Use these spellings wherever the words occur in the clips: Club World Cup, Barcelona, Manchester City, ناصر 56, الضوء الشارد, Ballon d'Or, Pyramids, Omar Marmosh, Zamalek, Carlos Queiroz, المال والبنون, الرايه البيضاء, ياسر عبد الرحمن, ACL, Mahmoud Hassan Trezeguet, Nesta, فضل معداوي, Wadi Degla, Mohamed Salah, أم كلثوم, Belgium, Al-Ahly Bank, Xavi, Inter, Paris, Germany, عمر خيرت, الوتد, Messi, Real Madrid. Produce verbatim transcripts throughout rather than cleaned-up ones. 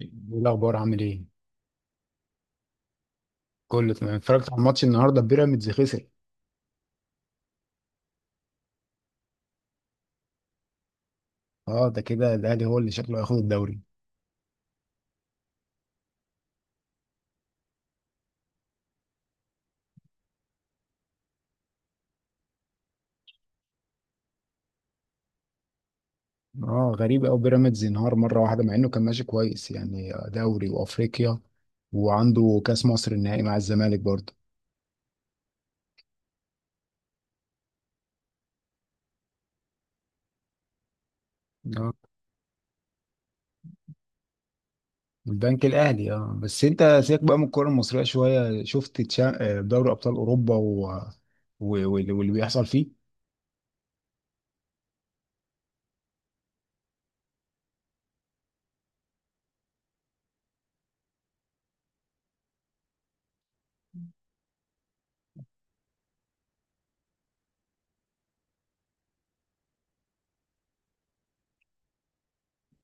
ايه الاخبار؟ عامل ايه؟ كله تمام. اتفرجت على الماتش النهارده، بيراميدز خسر. اه، ده كده الاهلي هو اللي شكله هياخد الدوري. اه غريب قوي بيراميدز ينهار مره واحده مع انه كان ماشي كويس، يعني دوري وافريقيا وعنده كاس مصر النهائي مع الزمالك برضه. اه البنك الاهلي. اه بس انت سيبك بقى من الكوره المصريه شويه. شفت تشا- آه، دوري ابطال اوروبا و... و... وال- واللي بيحصل فيه؟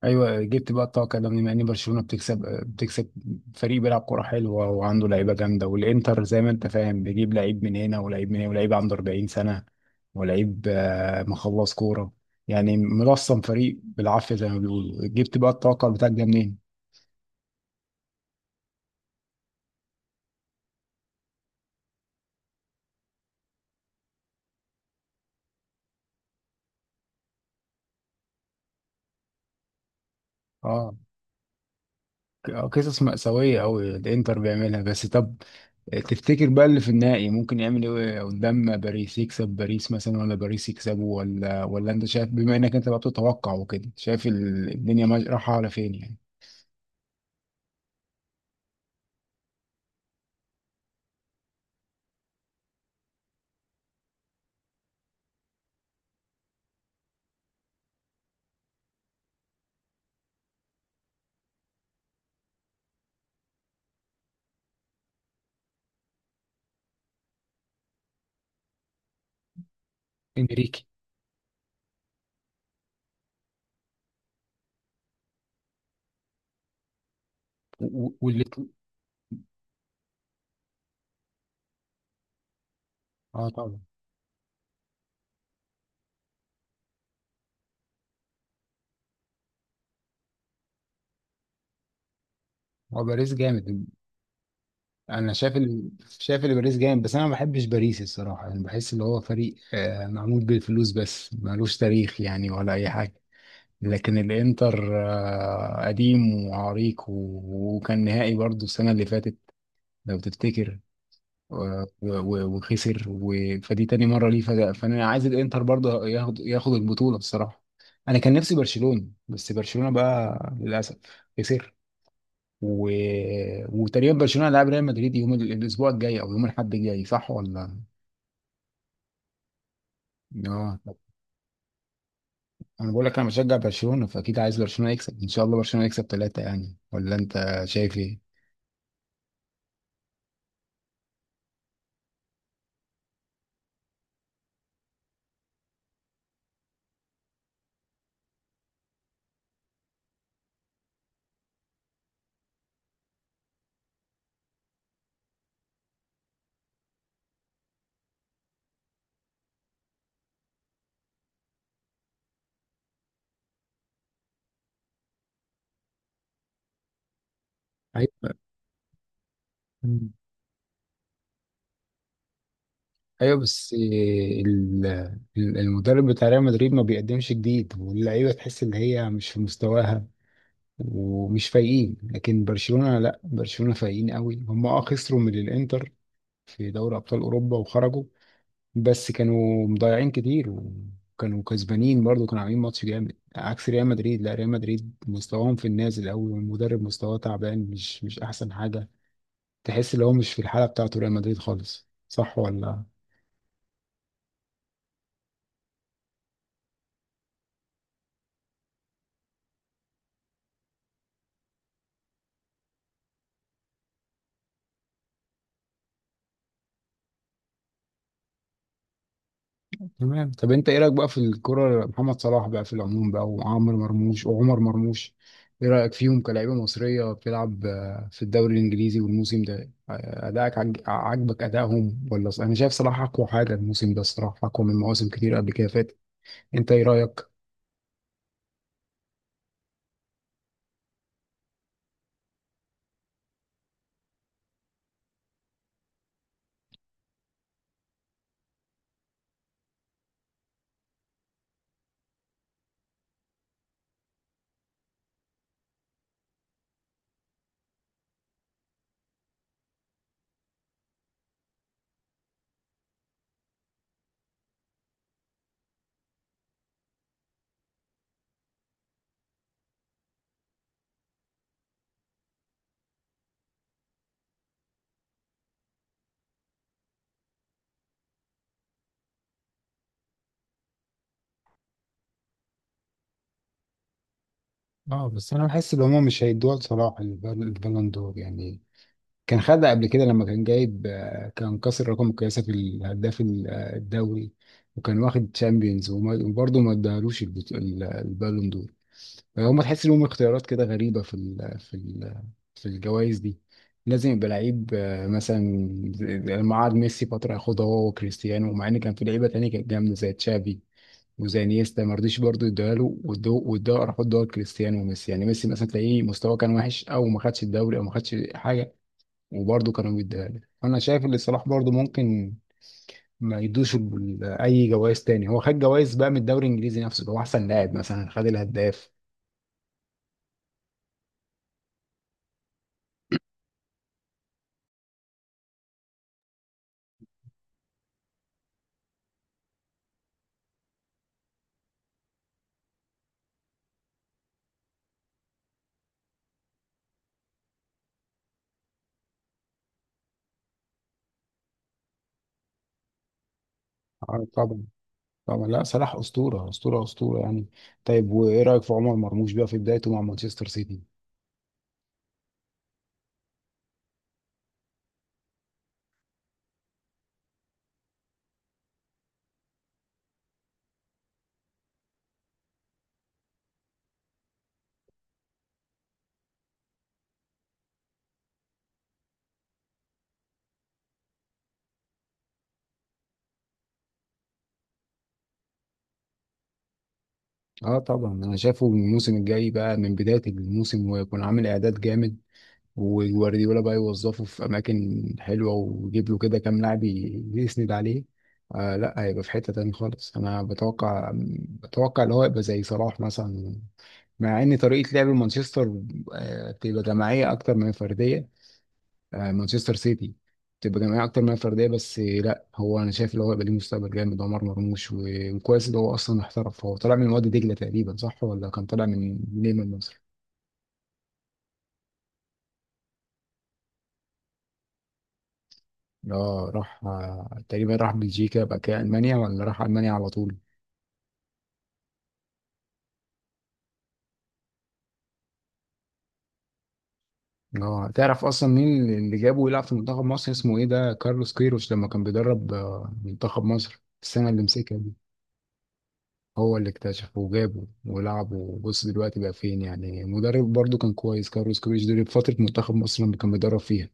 ايوه، جبت بقى الطاقه ده. بما ان برشلونه بتكسب بتكسب، فريق بيلعب كوره حلوه وعنده لعيبه جامده. والانتر زي ما انت فاهم بيجيب لعيب من هنا ولعيب من هنا ولعيب عنده أربعين سنه ولعيب آه، مخلص كوره، يعني ملصم فريق بالعافيه زي ما بيقولوا. جبت بقى الطاقه بتاعك ده منين؟ اه، ك- آه، قصص مأساويه قوي الانتر بيعملها. بس طب تفتكر بقى اللي في النهائي ممكن يعمل ايه قدام باريس؟ يكسب باريس مثلا ولا باريس يكسبه؟ ولا ولا انت شايف، بما انك انت بقى بتتوقع وكده، شايف ال- الدنيا ماش- رايحه على فين يعني؟ انريكي. و- و- واللي اه طبعا. هو باريس جامد. انا شايف ال... شايف اللي باريس جامد، بس انا ما بحبش باريس الصراحه، يعني بحس اللي هو فريق آه، معمول بالفلوس بس ملوش تاريخ يعني ولا اي حاجه. لكن الانتر آه، قديم وعريق و... وكان نهائي برضو السنه اللي فاتت، لو تفتكر، و- و- وخسر و- فدي تاني مرة ليه، فده- فأنا عايز الإنتر برضه ياخد ياخد البطولة بصراحة. أنا كان نفسي برشلونة، بس برشلونة بقى للأسف خسر، و... وتقريبا برشلونة هيلاعب ريال مدريد يوم ال- الأسبوع الجاي، أو يوم الأحد الجاي، صح ولا؟ آه طب. أنا بقول لك، أنا بشجع برشلونة فأكيد عايز برشلونة يكسب، إن شاء الله برشلونة يكسب ثلاثة، يعني ولا أنت شايف إيه؟ أيوة. ايوه بس ال- ال- المدرب بتاع ريال مدريد ما بيقدمش جديد، واللعيبه تحس ان هي مش في مستواها ومش فايقين. لكن برشلونه لا، برشلونه فايقين قوي. هم اه خسروا من الانتر في دوري ابطال اوروبا وخرجوا، بس كانوا مضيعين كتير وكانوا كسبانين برضه، كانوا عاملين ماتش جامد. عكس ريال مدريد، لا ريال مدريد مستواهم في النازل قوي، والمدرب مستواه تعبان، مش مش احسن حاجه. تحس ان هو مش في الحاله بتاعته ريال مدريد خالص، صح ولا؟ تمام. طب انت ايه رايك بقى في الكرة؟ محمد صلاح بقى في العموم بقى، وعمرو مرموش وعمر مرموش، ايه رايك فيهم كلاعيبه مصريه بتلعب آه، في الدوري الانجليزي؟ والموسم ده آه، ادائك عج- عاجبك ادائهم؟ ولا انا شايف صلاح اقوى حاجه الموسم ده الصراحه، اقوى من مواسم كتير قبل كده فاتت. انت ايه رايك؟ اه بس انا بحس ان هم مش هيدوها لصلاح البال- البالون دور يعني. كان خدها قبل كده لما كان جايب آه، كان كسر رقم القياسي في الهداف ال- آه، الدوري، وكان واخد تشامبيونز، وبرضه ما ادالوش البت- ال- البالون دور. فهم تحس لهم اختيارات كده غريبة في ال في ال في الجوائز دي. لازم يبقى لعيب آه، مثلا زي- زي لما قعد ميسي فترة ياخدها هو وكريستيانو، ومع ان كان في لعيبة تانية كانت جامدة زي تشافي وزي نيستا، ما رضيش برضه يديها له، وادوه وادوه راح ادوها لكريستيانو وميسي. يعني ميسي مثلا تلاقيه مستواه كان وحش او ما خدش الدوري او ما خدش حاجة، وبرضه كانوا بيديها لي. انا شايف ان صلاح برضه ممكن ما يدوش ال- اي جوائز تاني. هو خد جوائز بقى من الدوري الانجليزي نفسه، اللي هو احسن لاعب مثلا، خد الهداف. آه طبعا. طبعا لا، صلاح اسطوره اسطوره اسطوره يعني. طيب وايه رايك في عمر مرموش بقى في بدايته مع مانشستر سيتي؟ اه طبعا، انا شايفه الموسم الجاي بقى من بدايه الموسم، ويكون عامل اعداد جامد، وجوارديولا بقى يوظفه في اماكن حلوه، ويجيب له كده كام لاعب ي- يسند عليه. آه لا، هيبقى في حته تاني خالص انا بتوقع. بتوقع اللي هو يبقى زي صلاح مثلا. مع ان طريقه لعب مانشستر آه بتبقى جماعيه اكتر من فرديه، آه مانشستر سيتي بتبقى جماعيه اكتر من فرديه، بس لا هو انا شايف اللي هو يبقى ليه مستقبل جامد عمر مرموش. و- وكويس اللي هو اصلا احترف، هو طالع من وادي دجله تقريبا، صح ولا؟ كان طالع من ليه؟ من مصر؟ اه راح آه، تقريبا راح بلجيكا بقى كده المانيا، ولا راح المانيا على طول؟ اه تعرف اصلا مين اللي جابه يلعب في منتخب مصر؟ اسمه ايه ده، كارلوس كيروش، لما كان بيدرب آه، منتخب مصر السنه اللي مسكها دي. هو اللي اكتشفه وجابه ولعبه، وبص دلوقتي بقى فين؟ يعني مدرب برضو كان كويس، كارلوس كيروش دي فتره منتخب مصر لما كان بيدرب فيها.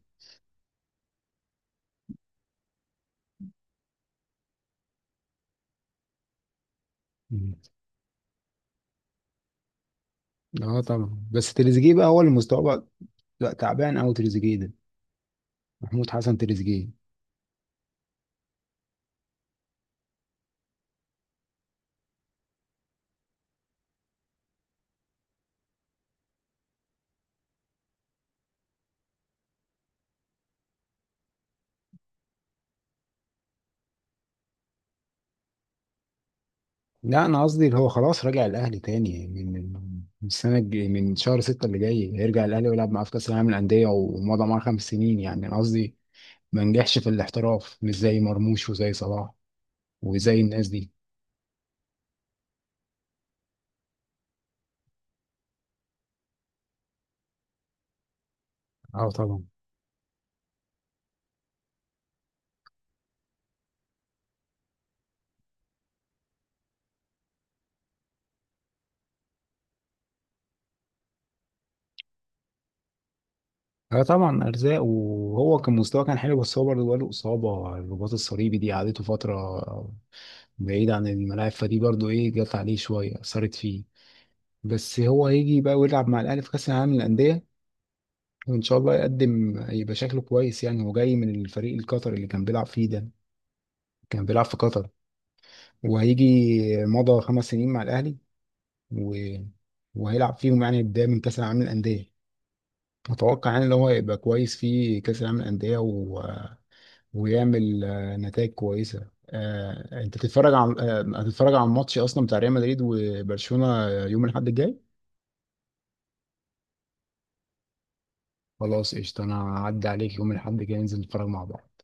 مم. اه طبعا. بس تريزيجيه بقى هو اللي مستواه بقى لا، تعبان قوي تريزيجيه ده، محمود حسن تريزيجيه. لا انا قصدي اللي هو خلاص راجع الاهلي تاني، من من من السنه الج- من شهر ستة اللي جاي هيرجع الاهلي ويلعب معاه في كاس العالم للانديه، ومضى معاه خمس سنين يعني. انا قصدي ما نجحش في الاحتراف مش زي مرموش وزي صلاح وزي الناس دي. اه طبعا. اه طبعا ارزاق. وهو كان مستواه كان حلو، بس هو برضه جاله اصابه الرباط الصليبي دي، قعدته فتره بعيد عن الملاعب، فدي برضه ايه جت عليه شويه اثرت فيه. بس هو هيجي بقى ويلعب مع الاهلي في كاس العالم للانديه. ان شاء الله يقدم يبقى شكله كويس يعني. هو جاي من الفريق القطري اللي كان بيلعب فيه ده، كان بيلعب في قطر، وهيجي مضى خمس سنين مع الاهلي، و... وهيلعب فيهم يعني بدايه من كاس العالم للانديه. اتوقع يعني ان هو هيبقى كويس في كاس العالم للانديه، و... ويعمل آه، نتائج كويسه. آه، انت تتفرج على آه، هتتفرج على الماتش اصلا بتاع ريال مدريد وبرشلونه يوم الاحد الجاي؟ خلاص قشطه، انا هعدي عليك يوم الاحد الجاي ننزل نتفرج مع بعض.